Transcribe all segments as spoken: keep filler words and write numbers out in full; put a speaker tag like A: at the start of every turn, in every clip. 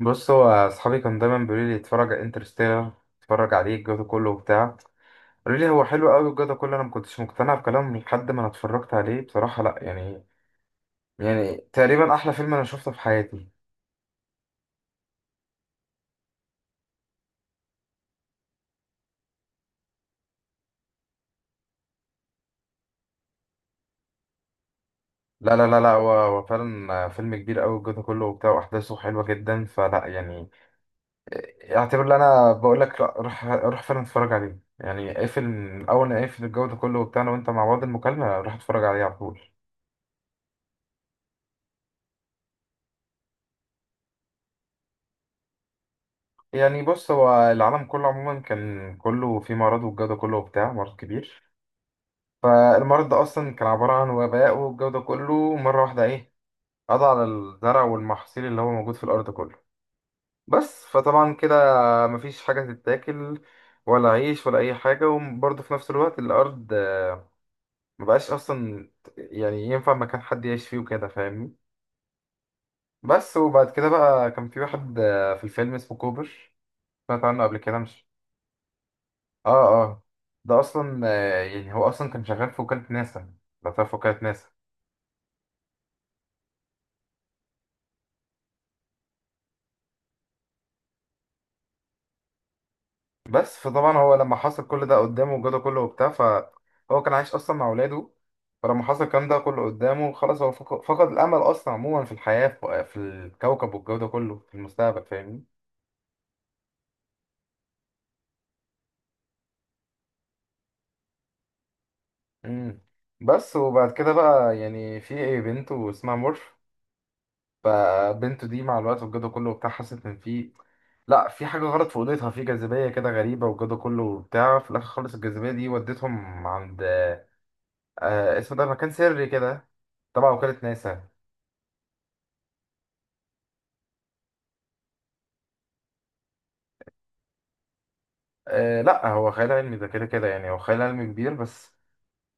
A: بص هو اصحابي كانوا دايما بيقولوا لي اتفرج على انترستيلر، اتفرج عليه الجو ده كله وبتاع. قالوا لي هو حلو قوي الجو ده كله، انا ما كنتش مقتنع بكلامهم لحد ما انا اتفرجت عليه. بصراحه لا يعني، يعني تقريبا احلى فيلم انا شفته في حياتي. لا لا لا لا هو هو فعلا فيلم كبير قوي الجو ده كله وبتاع، واحداثه حلوه جدا. فلا يعني اعتبر ان انا بقول لك لا، روح روح فعلا اتفرج عليه. يعني اقفل من- اول ما اقفل الجو ده كله وبتاع أنا وانت مع بعض المكالمه، روح اتفرج عليه على طول. يعني بص هو العالم كله عموما كان كله في مرض، والجو ده كله وبتاع مرض كبير. فالمرض ده أصلا كان عبارة عن وباء، والجو ده كله مرة واحدة إيه، قضى على الزرع والمحاصيل اللي هو موجود في الأرض كله. بس فطبعا كده مفيش حاجة تتاكل ولا عيش ولا أي حاجة، وبرضه في نفس الوقت الأرض مبقاش أصلا يعني ينفع مكان حد يعيش فيه وكده، فاهمني؟ بس وبعد كده بقى كان في واحد في الفيلم اسمه كوبر، سمعت عنه قبل كده مش؟ اه اه. ده اصلا آه، يعني هو اصلا كان شغال في وكالة ناسا. لو تعرف وكالة ناسا. بس فطبعا هو لما حصل كل ده قدامه وجاله كله وبتاع، فهو كان عايش اصلا مع ولاده. فلما حصل الكلام ده كله قدامه خلاص، هو فق- فقد الامل اصلا عموما في الحياة، في آه، في الكوكب والجو ده كله في المستقبل، فاهمني؟ امم بس وبعد كده بقى يعني في ايه، بنت اسمها مورف. فبنته دي مع الوقت والجو ده كله وبتاع حست ان في، لا في حاجه غلط في اوضتها، في جاذبيه كده غريبه والجو ده كله وبتاع. في الاخر خالص الجاذبيه دي ودتهم عند آه اسمه ده مكان سري كده تبع وكاله ناسا. آه لا هو خيال علمي ده كده كده، يعني هو خيال علمي كبير، بس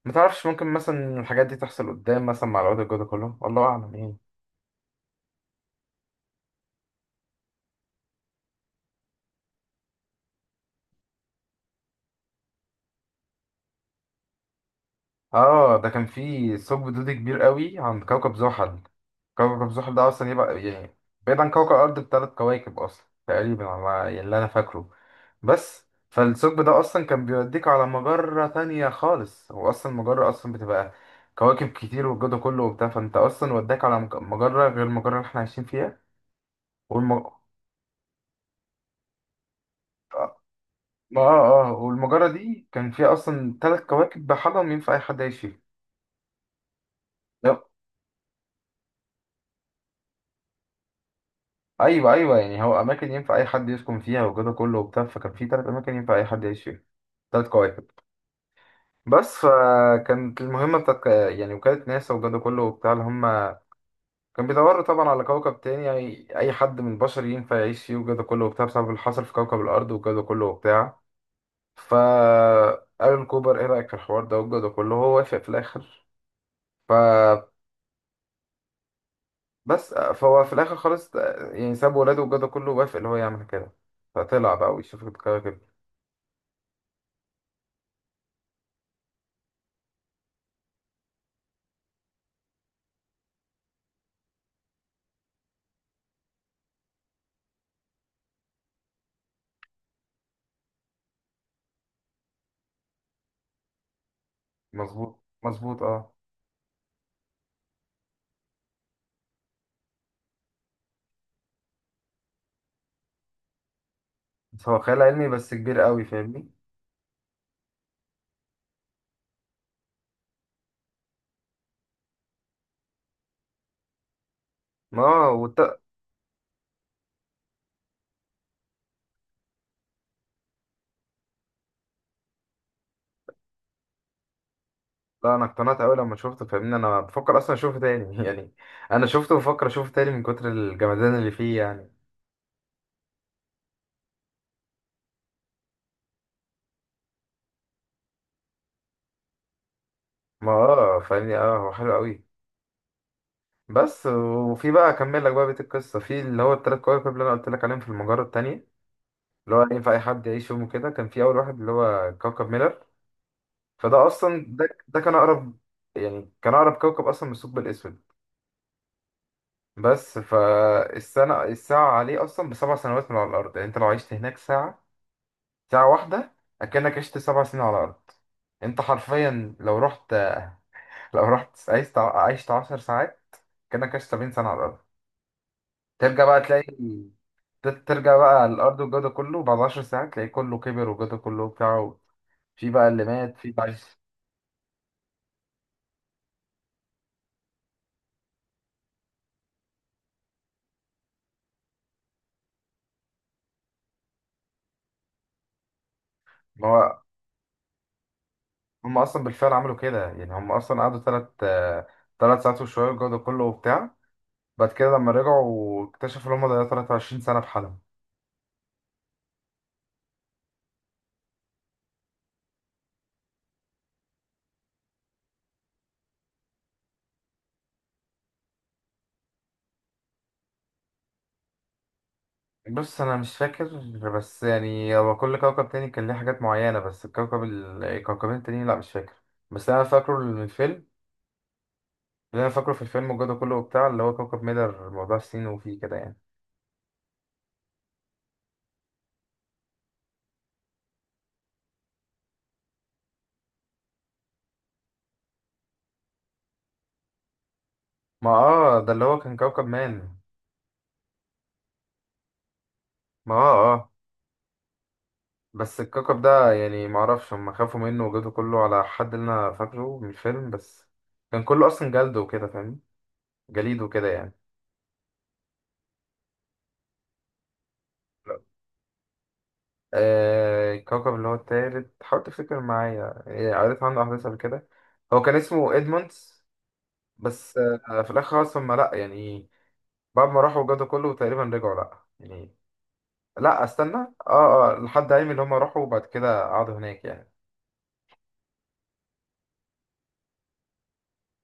A: متعرفش ممكن مثلا الحاجات دي تحصل قدام مثلا مع الوقت الجو ده كله، والله اعلم يعني. اه ده كان فيه ثقب دودي كبير قوي عند كوكب زحل. كوكب زحل ده اصلا يبقى يعني بعيد عن كوكب الارض بثلاث كواكب اصلا تقريبا على ما- يعني اللي انا فاكره. بس فالثقب ده اصلا كان بيوديك على مجرة تانية خالص، هو اصلا المجرة اصلا بتبقى كواكب كتير والجو ده كله وبتاع، فانت اصلا وداك على مج- مجرة غير المجرة اللي احنا عايشين فيها. والم... آه آه آه، والمجرة دي كان فيها أصلا تلات كواكب بحالهم ينفع أي حد يعيش فيهم. ايوه ايوه، يعني هو اماكن ينفع اي حد يسكن فيها وكده كله وبتاع، فكان في تلات اماكن ينفع اي حد يعيش فيها، تلات كواكب. بس فكانت المهمه بتاعت يعني وكاله ناسا وكده كله وبتاع، اللي هم كان بيدوروا طبعا على كوكب تاني يعني اي حد من البشر ينفع يعيش فيه وكده كله وبتاع، بسبب اللي حصل في كوكب الارض وكده كله وبتاع. ف الان كوبر ايه رايك في الحوار ده وكده كله، هو وافق في الاخر. ف بس فهو في الاخر خالص يعني ساب ولاده وكده كله، وافق اللي هو يعمل كده، فطلع بقى ويشوف الكواكب. مظبوط مظبوط اه. بس هو خيال علمي بس كبير قوي، فاهمني؟ ما هو والت... لا انا اقتنعت قوي لما شفته، فاهمني، انا بفكر اصلا اشوفه تاني يعني. انا شفته بفكر اشوفه تاني من كتر الجمدان اللي فيه يعني. ما اه فاهمني، اه هو حلو قوي. بس وفي بقى اكمل لك بقى بيت القصه في اللي هو التلات كواكب اللي انا قلت لك عليهم في المجره التانيه، اللي هو ينفع اي حد يعيش فيهم كده. كان في اول واحد اللي هو كوكب ميلر. فده اصلا ده ده كان اقرب، يعني كان اقرب كوكب اصلا من الثقب الاسود. بس فالسنة الساعة عليه أصلا بسبع سنوات من على الأرض. يعني أنت لو عشت هناك ساعة، ساعة واحدة، أكنك عشت سبع سنين على الأرض. أنت حرفيا لو رحت، لو رحت عشت عشت عشر ساعات، كأنك عشت سبعين سنة على الأرض. ترجع بقى تلاقي، ت- ترجع بقى على الأرض والجو ده كله بعد عشر ساعات تلاقي كله كبر والجو ده كله وبتاع، في بقى اللي مات، في بقى عايش. ما هو هم أصلا بالفعل عملوا كده، يعني هم أصلا قعدوا تلات تلات ساعات وشوية والجو ده كله وبتاع، بعد كده لما رجعوا اكتشفوا ان هم ضيعوا تلاتة وعشرين سنة بحالهم. بص أنا مش فاكر، بس يعني هو كل كوكب تاني كان ليه حاجات معينة، بس الكوكب ال- الكوكبين التانيين لأ مش فاكر. بس أنا فاكره من الفيلم. اللي أنا فاكره في الفيلم وجوده كله وبتاع اللي هو كوكب ميدر، موضوع السين وفيه كده يعني. ما اه ده اللي هو كان كوكب مان. ما اه اه بس الكوكب ده يعني معرفش هم خافوا منه وجوده كله على حد اللي أنا فاكره من الفيلم، بس كان كله أصلا جلد وكده فاهم، جليد وكده يعني. آه، الكوكب اللي هو التالت، حاول تفتكر معايا يعني، قريت عنه أحداث قبل كده. هو كان اسمه إدموندز. بس آه، في الآخر خالص هما لأ يعني، بعد ما راحوا وجدوا كله تقريبا رجعوا لأ يعني. لأ استنى. اه اه، لحد عيني اللي هما راحوا وبعد كده قعدوا هناك يعني.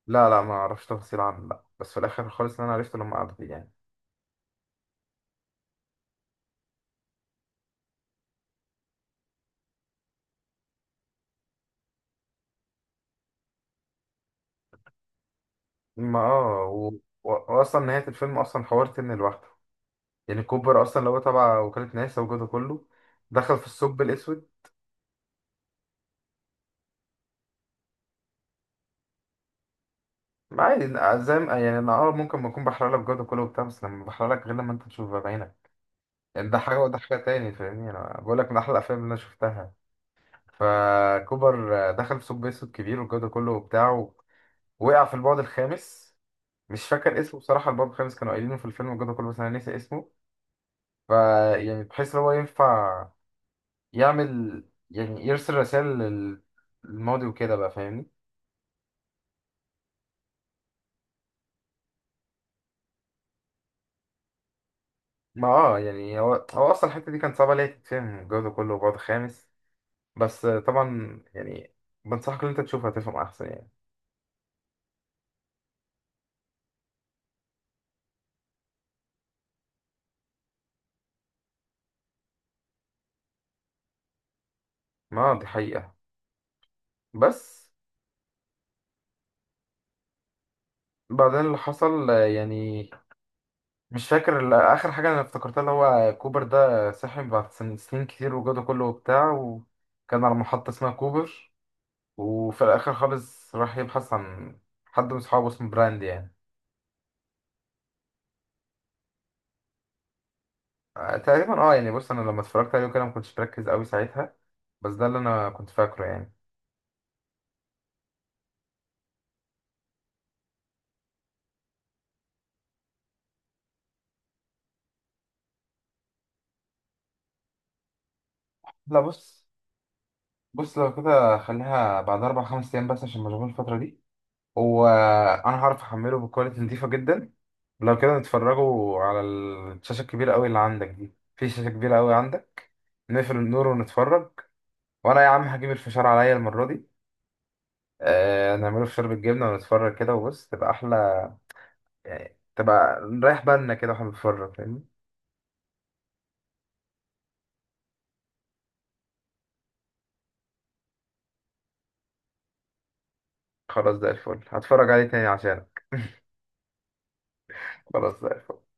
A: لا لا ما أعرفش تفاصيل عنه لأ، بس في الآخر خالص اللي أنا عرفته لما قعدوا فيه يعني. ما اه و... و... وأصلا نهاية الفيلم أصلا حوار تاني لوحده، يعني كوبر أصلا اللي هو تبع وكالة ناسا وجوده كله دخل في الثقب الأسود. عادي، زي ما يعني انا اه ممكن ما اكون بحرق لك جوده كله وبتاع، بس لما بحرق لك غير لما انت تشوفها بعينك، يعني ده حاجه وده حاجه تاني، فاهمني؟ انا بقول لك من احلى الافلام اللي انا شفتها. فكوبر آه، دخل في ثقب اسود كبير والجوده كله وبتاع، ووقع في البعد الخامس. مش فاكر اسمه بصراحه، البعد الخامس كانوا قايلينه في الفيلم الجوده كله بس انا ناسي اسمه. ف يعني بحيث ان هو ينفع يعمل، يعني يرسل رسائل للماضي وكده بقى، فاهمني؟ ما اه يعني هو هو اصلا الحته دي كانت صعبه ليه تتفهم الجوده كله وبعد خامس، بس طبعا يعني بنصحك ان انت تشوفها تفهم احسن يعني. ما دي حقيقة. بس بعدين اللي حصل آه، يعني مش فاكر ال- اخر حاجة انا افتكرتها اللي هو كوبر ده صحي بعد سن- سنين كتير وجوده كله وبتاع، وكان على محطة اسمها كوبر. وفي الاخر خالص راح يبحث عن حد من صحابه اسمه براند يعني. آه، تقريبا اه، يعني بص انا لما اتفرجت عليه كده ما كنتش مركز قوي ساعتها، بس ده اللي انا كنت فاكره يعني. لا بص. بص لو كده خليها بعد اربع خمس ايام بس عشان مشغول الفترة دي. وانا هعرف احمله بكواليتي نضيفه جدا. لو كده نتفرجوا على الشاشه الكبيره قوي اللي عندك دي، في شاشه كبيره قوي عندك. نقفل النور ونتفرج. وانا يا عم هجيب الفشار عليا المره دي، آه نعمله فشار بالجبنه ونتفرج كده. وبص تبقى احلى يعني، تبقى نريح بالنا كده واحنا بنتفرج، فاهمني؟ خلاص ده الفل، هتفرج عليه تاني عشانك. خلاص ده الفل.